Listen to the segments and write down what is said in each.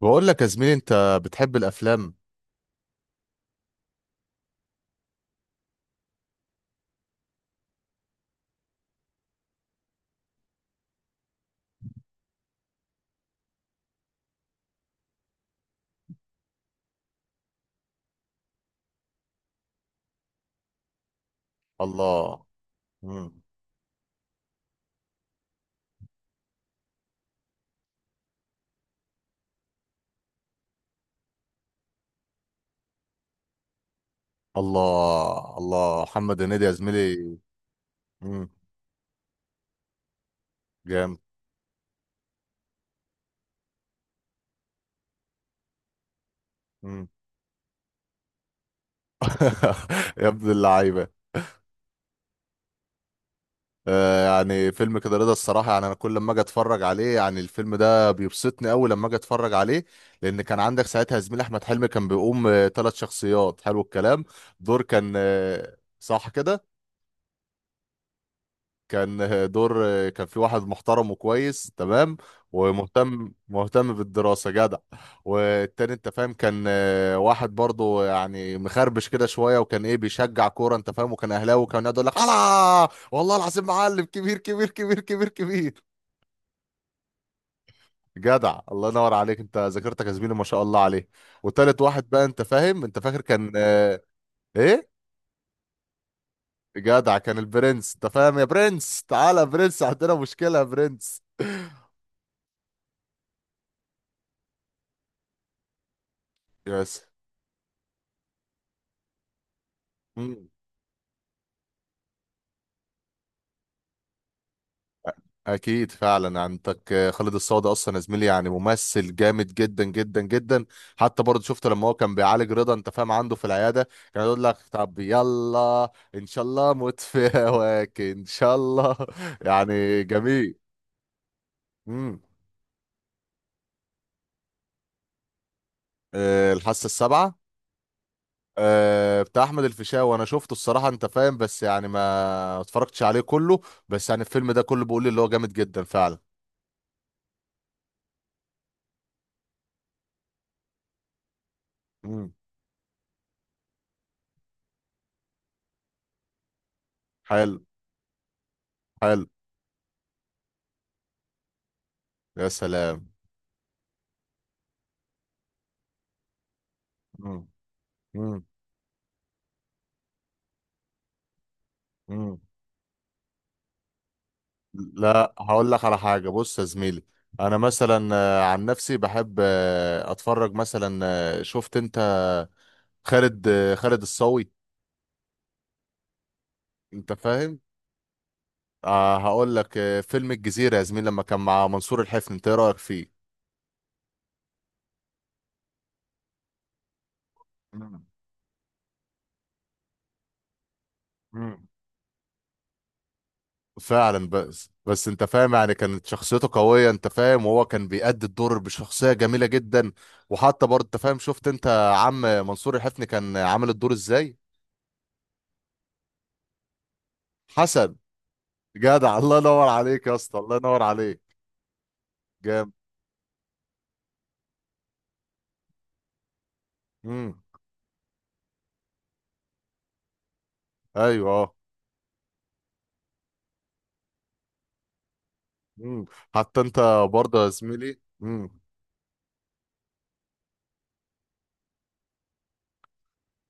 بقول لك يا زميلي، انت بتحب الافلام؟ الله. مم. الله الله، محمد هنيدي يا زميلي. مم. جامد. مم. يا ابن اللعيبه. يعني فيلم كده رضا الصراحه، يعني انا كل لما اجي اتفرج عليه يعني الفيلم ده بيبسطني قوي لما اجي اتفرج عليه. لان كان عندك ساعتها زميل احمد حلمي، كان بيقوم 3 شخصيات. حلو الكلام. دور كان صح كده. كان دور كان في واحد محترم وكويس تمام. ومهتم مهتم بالدراسة جدع. والتاني انت فاهم، كان واحد برضو يعني مخربش كده شوية، وكان ايه بيشجع كورة، انت فاهم، وكان اهلاوي، وكان يقعد يقول لك الله والله العظيم معلم كبير كبير كبير كبير كبير. جدع الله ينور عليك، انت ذاكرتك يا زميلي ما شاء الله عليه. وتالت واحد بقى انت فاهم، انت فاكر كان ايه جدع، كان البرنس انت فاهم، يا برنس تعالى يا برنس عندنا مشكلة يا برنس. يس. اكيد فعلا، عندك خالد الصاوي ده اصلا يا زميلي، يعني ممثل جامد جدا جدا جدا. حتى برضه شفته لما هو كان بيعالج رضا انت فاهم عنده في العياده. كان يقول لك طب يلا ان شاء الله، موت في هواك ان شاء الله. يعني جميل. امم. أه، الحاسه السابعه. أه بتاع احمد الفيشاوي، انا شفته الصراحه انت فاهم، بس يعني ما اتفرجتش عليه كله. بس يعني الفيلم ده كله بيقول لي اللي هو جامد جدا فعلا. امم. حلو حلو. يا سلام. امم. امم. لا، هقول لك على حاجة، بص يا زميلي. انا مثلا عن نفسي بحب اتفرج مثلا. شفت انت. خالد الصاوي. انت فاهم. هقول لك فيلم الجزيرة يا زميلي، لما كان مع منصور الحفني، انت ايه رأيك فيه؟ مم. مم. فعلا. بس انت فاهم يعني كانت شخصيته قوية، انت فاهم، وهو كان بيأدي الدور بشخصية جميلة جدا. وحتى برضه انت فاهم، شفت انت. عم منصور الحفني، كان عامل الدور ازاي؟ حسن. جدع الله ينور عليك يا اسطى، الله ينور عليك. جامد. امم. ايوه اه. امم. حتى انت. برضه يا زميلي، امم.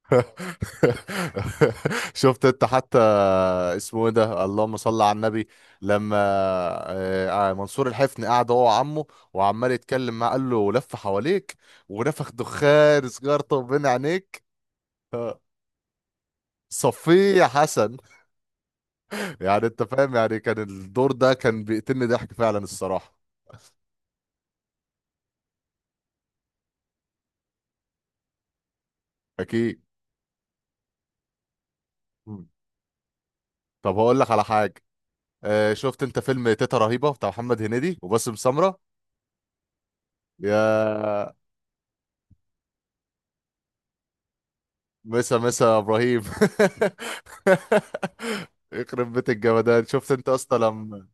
شفت انت، حتى. اسمه ايه ده، اللهم صل على النبي. لما منصور الحفني قعد هو وعمه. وعمال يتكلم معاه، قال له لف حواليك. ونفخ دخان سيجارته بين عينيك. آه، صفيه يا حسن. يعني انت فاهم، يعني كان الدور ده كان بيقتلني ضحك فعلا الصراحه. اكيد. طب هقول لك على حاجه. شفت انت فيلم تيتا رهيبه بتاع محمد هنيدي وباسم سمره. يا. مسا مسا يا ابراهيم. يخرب بيت الجمدان، شفت انت اصلا لما.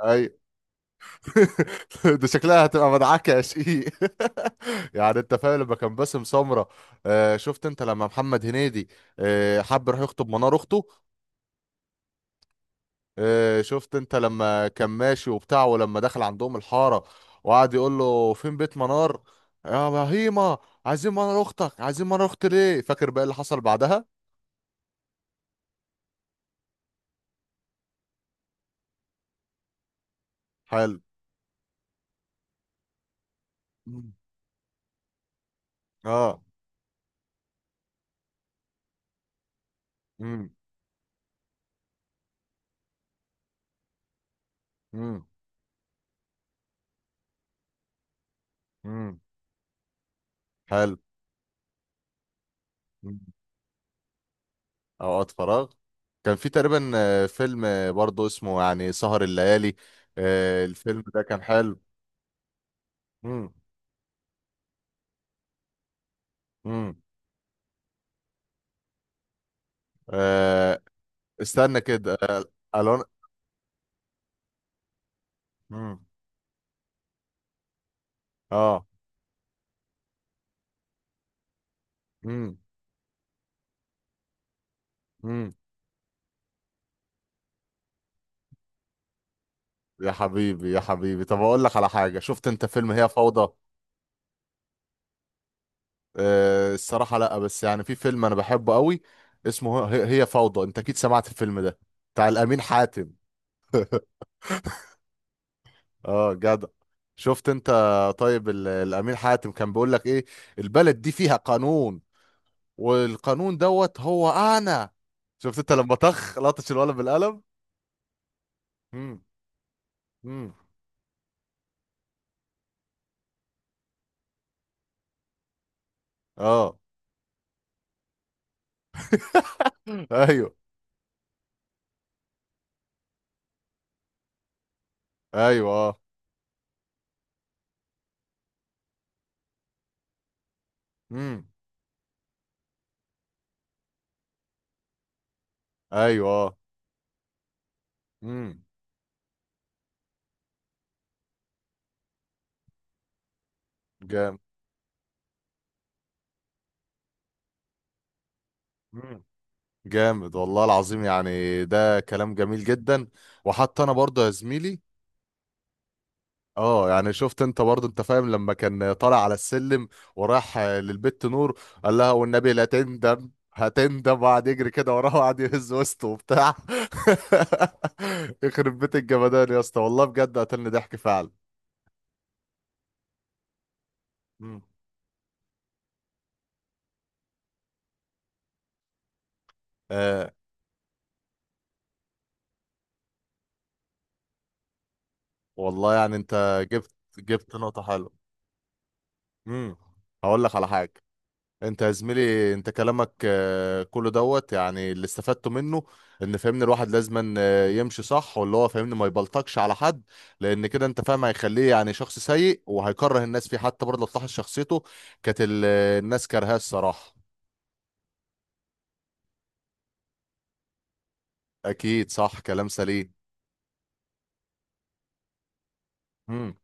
اي. ده شكلها هتبقى مدعكه يا شقيق يعني انت فاهم، لما كان باسم سمره. شفت انت لما محمد هنيدي. حب يروح يخطب منار اخته. شفت انت لما كان ماشي وبتاع، ولما دخل عندهم الحارة. وقعد يقول له فين بيت منار. يا بهيمة. عايزين منار اختك، عايزين منار اختي ليه، فاكر بقى اللي حصل بعدها. حلو. مم. اه. امم. امم. امم. حلو. مم. اوقات فراغ. كان في تقريبا فيلم برضه اسمه يعني سهر الليالي. الفيلم ده كان حلو. امم. امم. آه، استنى كده الوان. مم. اه. امم. يا حبيبي يا حبيبي، طب اقول لك على حاجه، شفت انت فيلم هي فوضى؟ أه الصراحه لا، بس يعني في فيلم انا بحبه قوي. اسمه هي هي فوضى، انت اكيد سمعت الفيلم ده. بتاع الامين حاتم. اه جدع. شفت انت. طيب الامين حاتم كان بيقول لك ايه؟ البلد دي فيها قانون. والقانون دوت هو انا. شفت انت لما طخ لطش الولد بالقلم. امم. امم. اه. ايوه ايوه اه. امم. ايوه اه. امم. جامد جامد والله العظيم، يعني ده كلام جميل جدا. وحتى انا برضه يا زميلي. اه يعني شفت انت برضه، انت فاهم، لما كان طالع على السلم. وراح للبت نور، قال لها والنبي لا تندم هتندم، وقعد يجري كده وراه وقعد يهز وسطه وبتاع. يخرب بيت الجمدان يا اسطى، والله بجد قتلني ضحك فعلا. مم. آه والله يعني انت جبت نقطة حلوة. امم. هقول لك على حاجة. انت يا زميلي، انت كلامك كله دوت، يعني اللي استفدته منه. ان فاهمني الواحد لازم يمشي صح، واللي هو فاهمني ما يبلطجش على حد. لان كده انت فاهم هيخليه يعني شخص سيء وهيكره الناس فيه، حتى برضه لو تلاحظ شخصيته. كانت الناس كارهاه الصراحة. اكيد صح، كلام سليم. امم.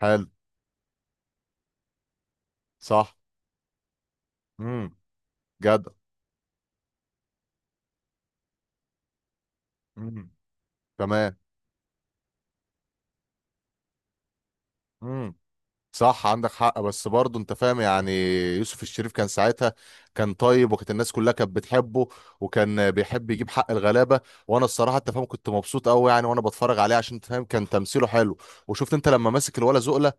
حلو. صح. امم. جدع. امم. تمام. مم. صح عندك حق، بس برضه انت فاهم يعني. يوسف الشريف كان ساعتها. كان طيب وكانت الناس كلها كانت بتحبه. وكان بيحب يجيب حق الغلابه. وانا الصراحه انت فاهم، كنت مبسوط قوي يعني وانا بتفرج عليه، عشان انت فاهم كان تمثيله حلو. وشفت انت لما ماسك الولا زقله.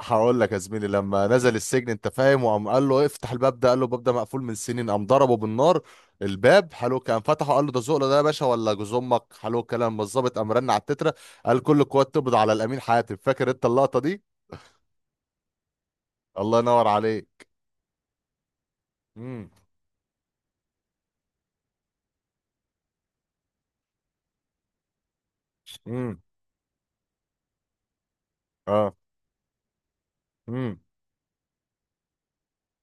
هقول لك يا زميلي، لما نزل السجن انت فاهم، وقام قال له افتح الباب ده، قال له الباب ده مقفول من سنين، قام ضربه بالنار. الباب حلو كان فتحه، قال له ده زقله ده يا باشا ولا جوز امك، حلو الكلام، الظابط قام رن على التتره. قال كل القوات تقبض على الامين حاتم، فاكر انت اللقطه دي. الله ينور عليك. امم. امم. اه. امم.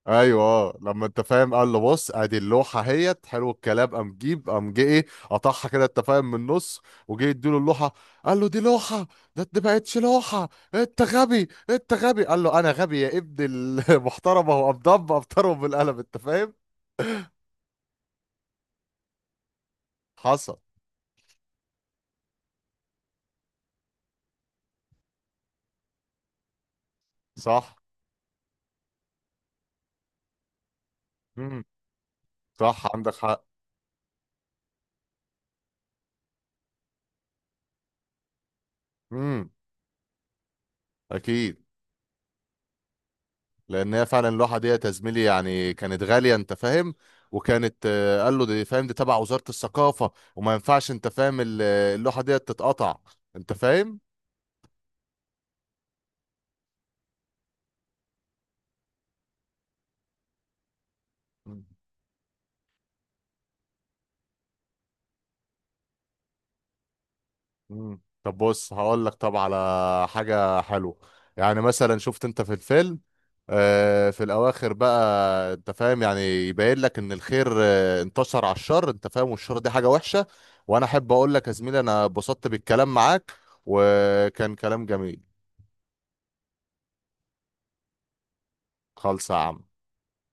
ايوه اه، لما انت فاهم قال له بص ادي اللوحه اهيت، حلو الكلام، قام جيب قام جه ايه. قطعها كده انت فاهم من النص. وجه اديله اللوحه. قال له دي لوحه. ده ما بقتش لوحه. انت غبي انت غبي، قال له انا غبي يا ابن المحترمه هو قام ضرب ابطره بالقلم انت فاهم. حصل. صح. امم. صح عندك حق. امم. اكيد. لان هي فعلا اللوحه ديت يا زميلي، يعني كانت غاليه انت فاهم. وكانت قال له دي فاهم دي تبع وزاره الثقافه، وما ينفعش انت فاهم اللوحه ديت تتقطع. انت فاهم. مم. مم. طب بص هقول لك، طب على حاجه حلوه. يعني مثلا شفت انت في الفيلم، في الاواخر بقى، انت فاهم يعني. يبين لك ان الخير انتصر على الشر، انت فاهم، والشر دي حاجه وحشه. وانا احب اقول لك يا زميلي، انا اتبسطت بالكلام معاك وكان كلام جميل. خالص يا عم.